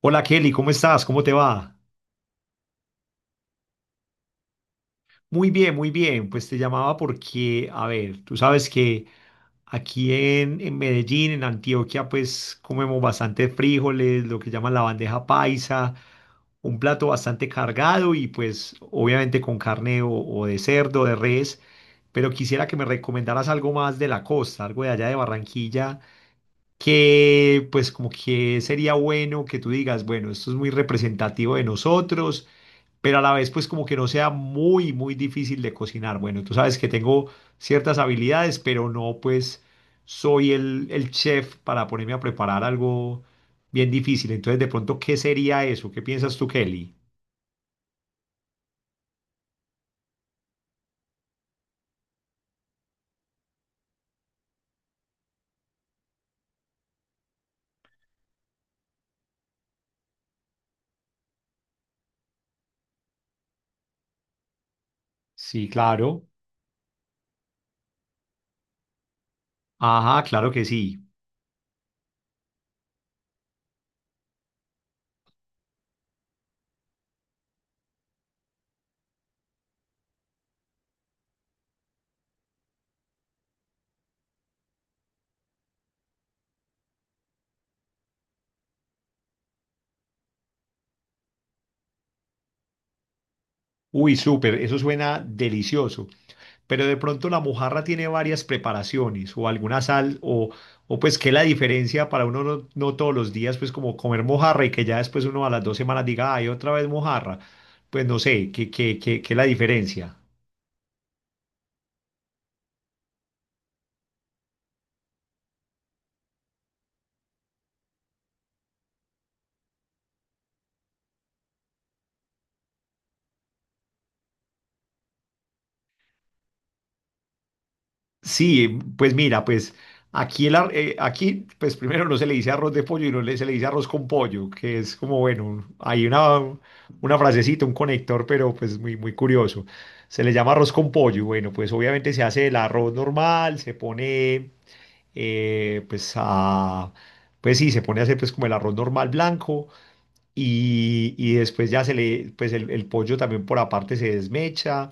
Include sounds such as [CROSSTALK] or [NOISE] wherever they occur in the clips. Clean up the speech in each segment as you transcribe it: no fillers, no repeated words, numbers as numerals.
Hola Kelly, ¿cómo estás? ¿Cómo te va? Muy bien, muy bien. Pues te llamaba porque, a ver, tú sabes que aquí en Medellín, en Antioquia, pues comemos bastante frijoles, lo que llaman la bandeja paisa, un plato bastante cargado y pues obviamente con carne o de cerdo, de res, pero quisiera que me recomendaras algo más de la costa, algo de allá de Barranquilla, que pues como que sería bueno que tú digas, bueno, esto es muy representativo de nosotros pero a la vez pues como que no sea muy difícil de cocinar. Bueno, tú sabes que tengo ciertas habilidades, pero no pues soy el chef para ponerme a preparar algo bien difícil. Entonces, de pronto, ¿qué sería eso? ¿Qué piensas tú, Kelly? Sí, claro. Ajá, claro que sí. Uy, súper, eso suena delicioso. Pero de pronto la mojarra tiene varias preparaciones o alguna sal o pues qué es la diferencia para uno no todos los días pues como comer mojarra y que ya después uno a las dos semanas diga, ay, otra vez mojarra. Pues no sé, ¿qué es la diferencia? Sí, pues mira, pues aquí, aquí, pues primero no se le dice arroz de pollo y no le- se le dice arroz con pollo, que es como, bueno, hay una frasecita, un conector, pero pues muy curioso. Se le llama arroz con pollo. Bueno, pues obviamente se hace el arroz normal, se pone, eh, pues a, pues sí, se pone a hacer pues como el arroz normal blanco y después ya se le, pues el pollo también por aparte se desmecha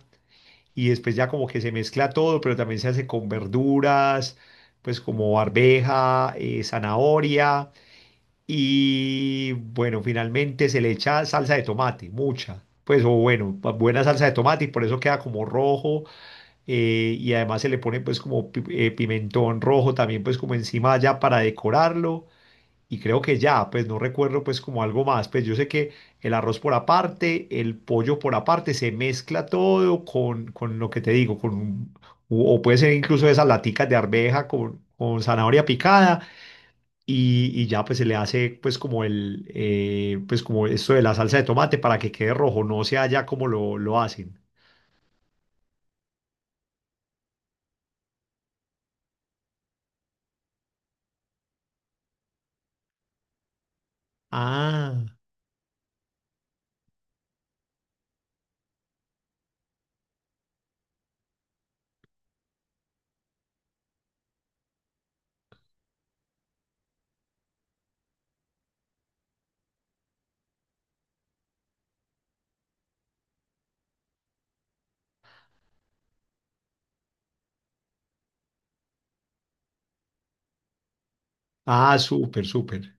y después ya como que se mezcla todo, pero también se hace con verduras, pues como arveja, zanahoria y bueno, finalmente se le echa salsa de tomate, mucha. Pues o bueno, buena salsa de tomate y por eso queda como rojo y además se le pone pues como pimentón rojo también pues como encima ya para decorarlo y creo que ya, pues no recuerdo pues como algo más, pues yo sé que el arroz por aparte, el pollo por aparte, se mezcla todo con lo que te digo, o puede ser incluso esas laticas de arveja con zanahoria picada y ya pues se le hace pues como el, pues como esto de la salsa de tomate para que quede rojo, no sea ya como lo hacen. Ah, súper, súper.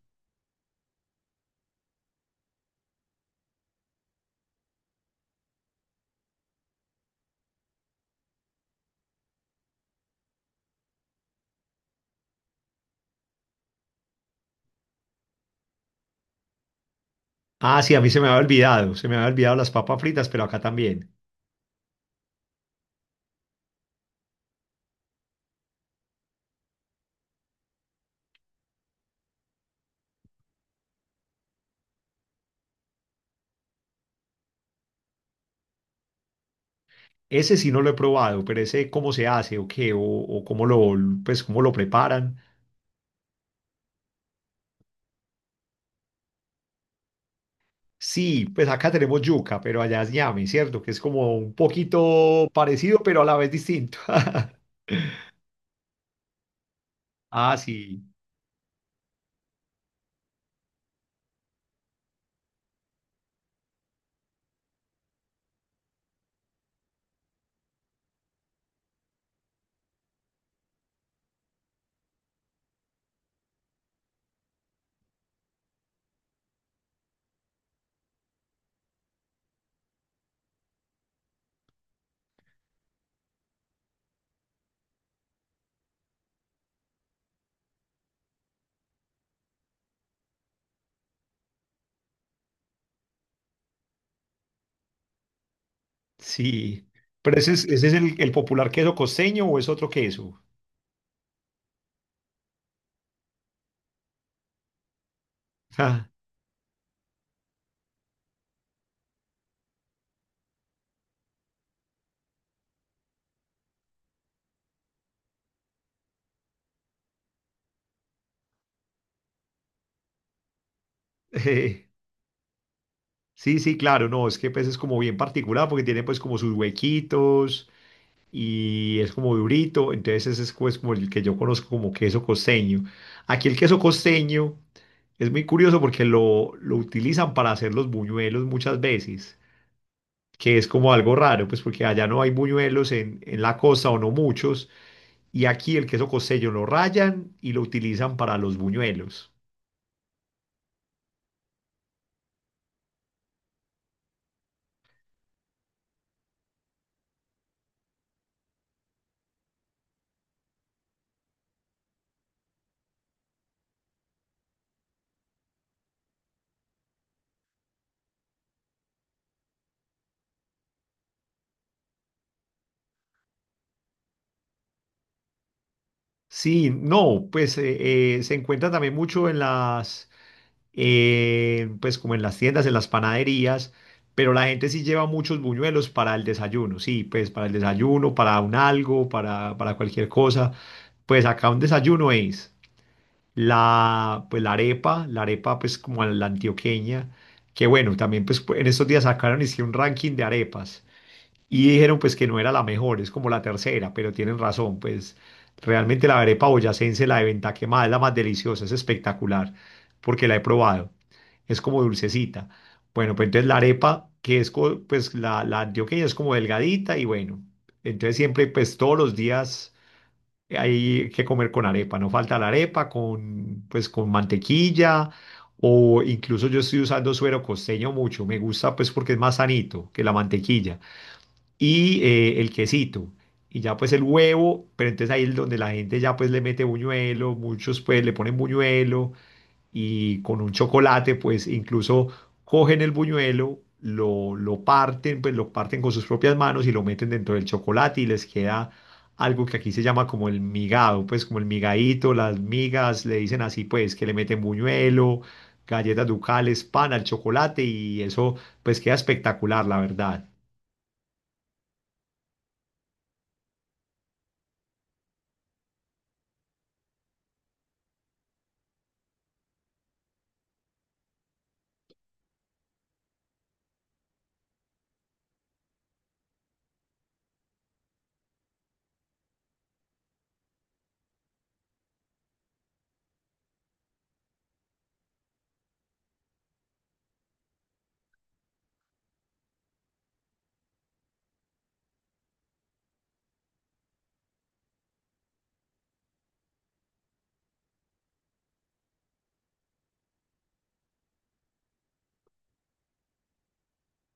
Ah, sí, a mí se me había olvidado, se me había olvidado las papas fritas, pero acá también. Ese sí no lo he probado, pero ese cómo se hace o qué, o cómo lo, pues, cómo lo preparan. Sí, pues acá tenemos yuca, pero allá es ñame, ¿cierto? Que es como un poquito parecido, pero a la vez distinto. [LAUGHS] Ah, sí, sí. Pero ese es el popular queso costeño o es otro queso. [LAUGHS] Ah, eh, sí, sí, claro, no, es que pues es como bien particular porque tiene pues como sus huequitos. Y es como durito, entonces ese es pues, como el que yo conozco como queso costeño. Aquí el queso costeño es muy curioso porque lo utilizan para hacer los buñuelos muchas veces, que es como algo raro, pues porque allá no hay buñuelos en la costa o no muchos, y aquí el queso costeño lo rayan y lo utilizan para los buñuelos. Sí, no, pues se encuentra también mucho en las pues como en las tiendas, en las panaderías, pero la gente sí lleva muchos buñuelos para el desayuno, sí, pues para el desayuno, para un algo, para cualquier cosa. Pues acá un desayuno es la, pues la arepa pues como la antioqueña, que bueno, también pues en estos días sacaron hicieron un ranking de arepas. Y dijeron pues que no era la mejor, es como la tercera, pero tienen razón, pues realmente la arepa boyacense, la de venta quemada, es la más deliciosa, es espectacular, porque la he probado, es como dulcecita. Bueno, pues entonces la arepa, que es pues la antioqueña es como delgadita y bueno, entonces siempre pues todos los días hay que comer con arepa, no falta la arepa con pues con mantequilla o incluso yo estoy usando suero costeño mucho, me gusta pues porque es más sanito que la mantequilla y el quesito. Y ya pues el huevo, pero entonces ahí es donde la gente ya pues le mete buñuelo, muchos pues le ponen buñuelo y con un chocolate pues incluso cogen el buñuelo, lo parten, pues lo parten con sus propias manos y lo meten dentro del chocolate y les queda algo que aquí se llama como el migado, pues como el migadito, las migas, le dicen así pues que le meten buñuelo, galletas ducales, pan al chocolate y eso pues queda espectacular, la verdad.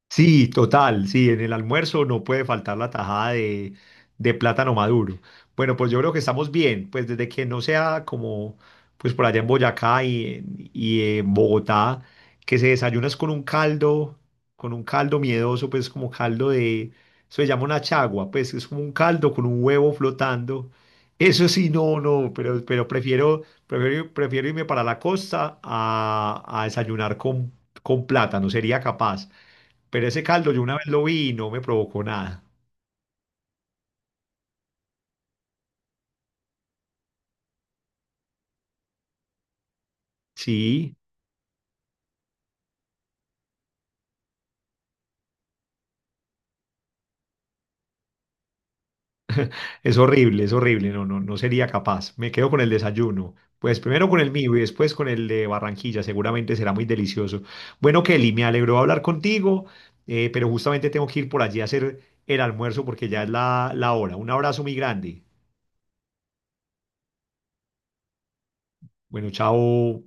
Sí, total, sí, en el almuerzo no puede faltar la tajada de plátano maduro. Bueno, pues yo creo que estamos bien, pues desde que no sea como, pues por allá en Boyacá y en Bogotá, que se desayunas con un caldo miedoso, pues como caldo de, eso se llama una chagua, pues es como un caldo con un huevo flotando. Eso sí, no, no, pero prefiero irme para la costa a desayunar con plátano, sería capaz. Pero ese caldo yo una vez lo vi y no me provocó nada. Sí, es horrible, es horrible. No, no, no sería capaz. Me quedo con el desayuno. Pues primero con el mío y después con el de Barranquilla. Seguramente será muy delicioso. Bueno, Kelly, me alegró hablar contigo, pero justamente tengo que ir por allí a hacer el almuerzo porque ya es la, la hora. Un abrazo muy grande. Bueno, chao.